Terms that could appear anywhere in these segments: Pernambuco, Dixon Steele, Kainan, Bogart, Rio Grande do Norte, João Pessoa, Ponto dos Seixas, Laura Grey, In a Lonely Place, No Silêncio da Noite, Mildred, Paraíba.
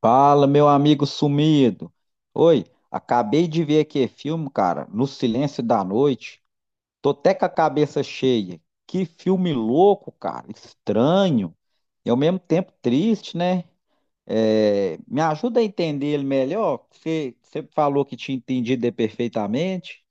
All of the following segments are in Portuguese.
Fala, meu amigo sumido. Oi, acabei de ver aqui filme, cara, No Silêncio da Noite. Tô até com a cabeça cheia. Que filme louco, cara, estranho e ao mesmo tempo triste, né? É, me ajuda a entender ele melhor. Você falou que tinha entendido ele perfeitamente.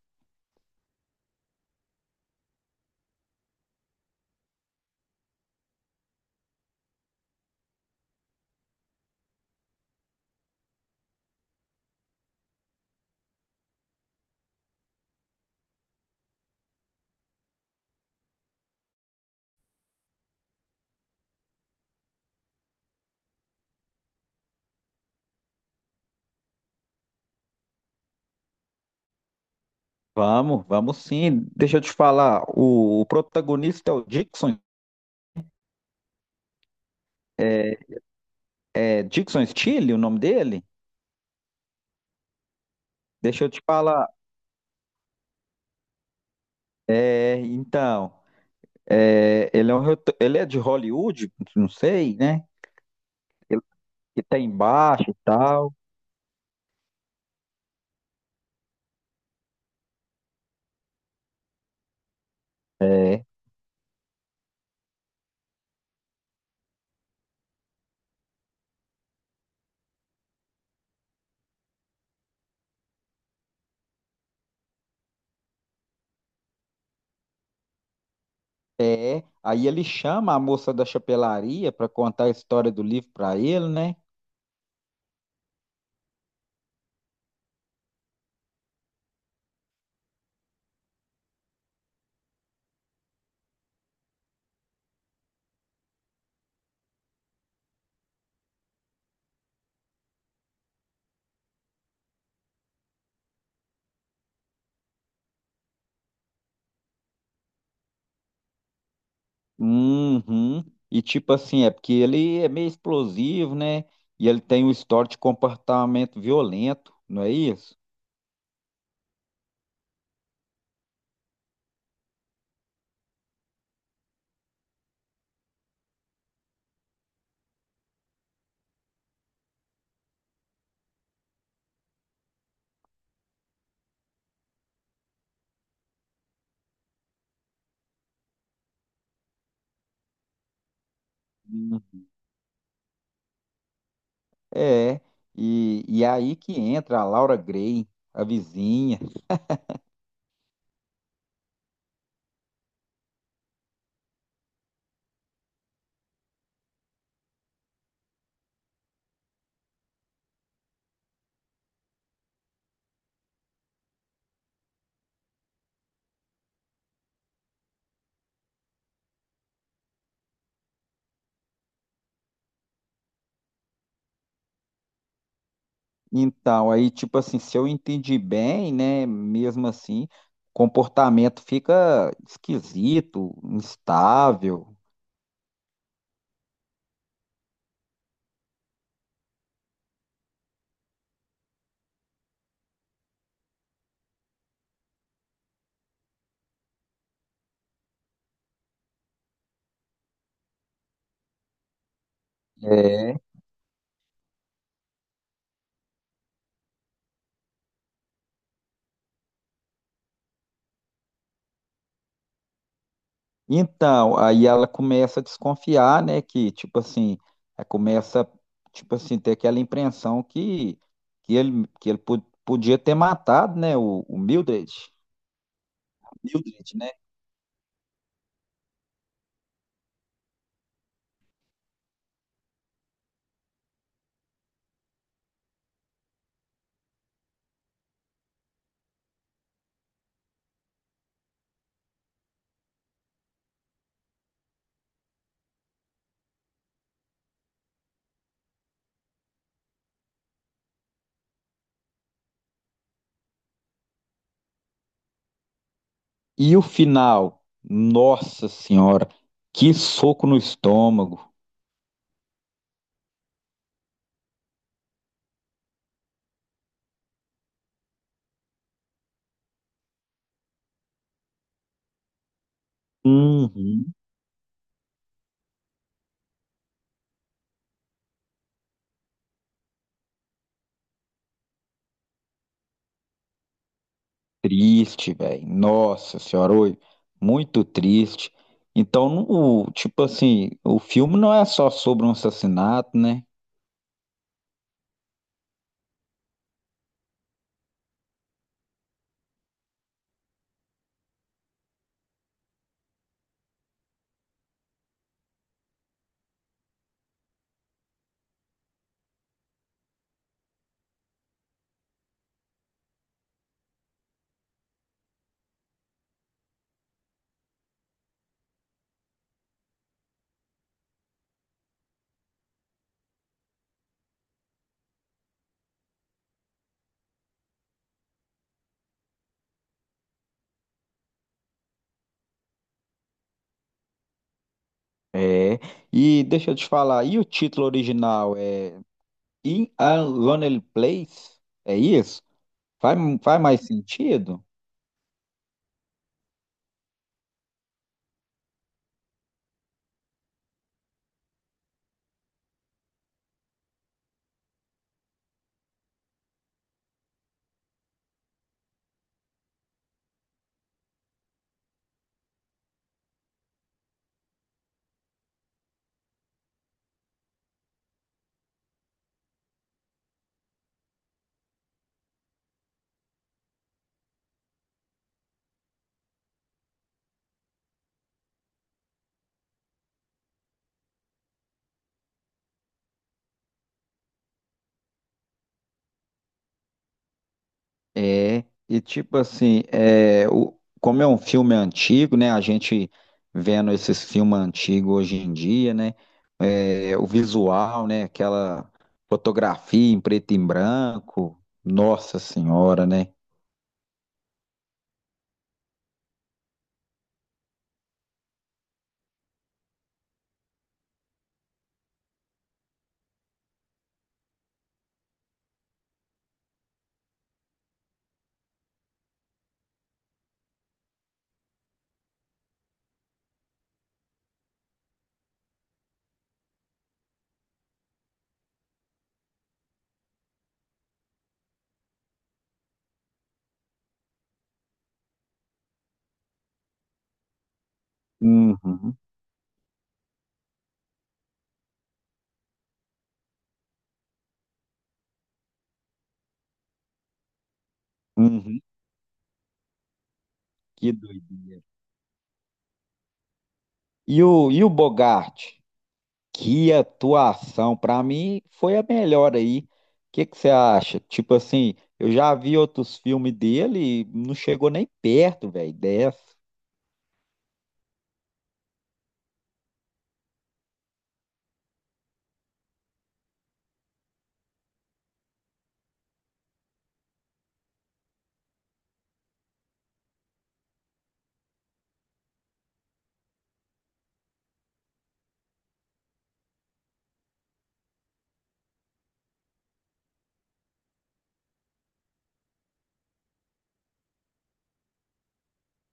Vamos, vamos sim. Deixa eu te falar, o protagonista é o Dixon, é é Dixon Steele, o nome dele? Deixa eu te falar. É, então. É, ele é de Hollywood, não sei, né? Que tá embaixo e tal. É. É. Aí ele chama a moça da chapelaria para contar a história do livro para ele, né? Uhum. E tipo assim, é porque ele é meio explosivo, né? E ele tem um histórico de comportamento violento, não é isso? Hum. É. E aí que entra a Laura Grey, a vizinha. Então, aí, tipo assim, se eu entendi bem, né, mesmo assim, o comportamento fica esquisito, instável. É. Então, aí ela começa a desconfiar, né, que, tipo assim, ela começa, tipo assim, ter aquela impressão que, que ele podia ter matado, né, o Mildred. Mildred, né? E o final, nossa senhora, que soco no estômago. Uhum. Triste, velho. Nossa senhora, oi, muito triste. Então, no- o, tipo assim, o filme não é só sobre um assassinato, né? É. E deixa eu te falar, e o título original é In a Lonely Place? É isso? Faz, faz mais sentido? É, e tipo assim, é, o, como é um filme antigo, né? A gente vendo esses filmes antigos hoje em dia, né? é, o visual, né? Aquela fotografia em preto e branco. Nossa Senhora, né? Uhum, uhum, que doideira. E o Bogart? Que atuação! Para mim foi a melhor aí. O que que você acha? Tipo assim, eu já vi outros filmes dele e não chegou nem perto, velho, dessa.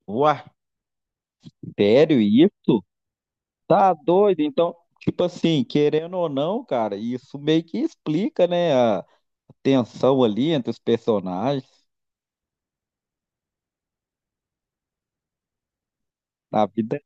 O artério, isso? Tá doido. Então, tipo assim, querendo ou não, cara, isso meio que explica, né, a tensão ali entre os personagens da vida.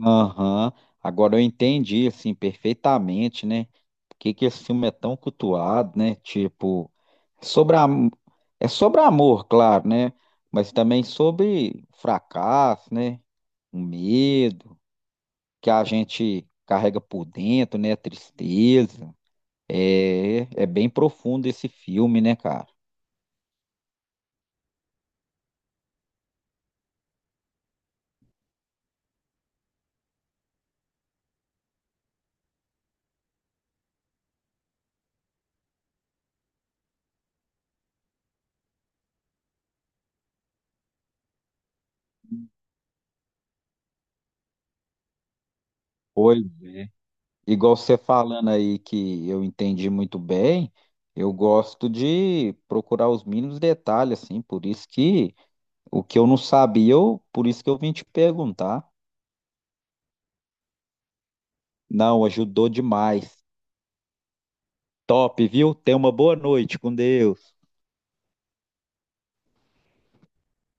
Aham. Agora eu entendi, assim, perfeitamente, né? Por que que esse filme é tão cultuado, né? Tipo, é sobre a... é sobre amor, claro, né? Mas também sobre fracasso, né? O medo que a gente carrega por dentro, né? A tristeza. É, é bem profundo esse filme, né, cara? Pois, igual você falando aí que eu entendi muito bem, eu gosto de procurar os mínimos detalhes, assim, por isso que o que eu não sabia, eu, por isso que eu vim te perguntar. Não, ajudou demais. Top, viu? Tenha uma boa noite com Deus.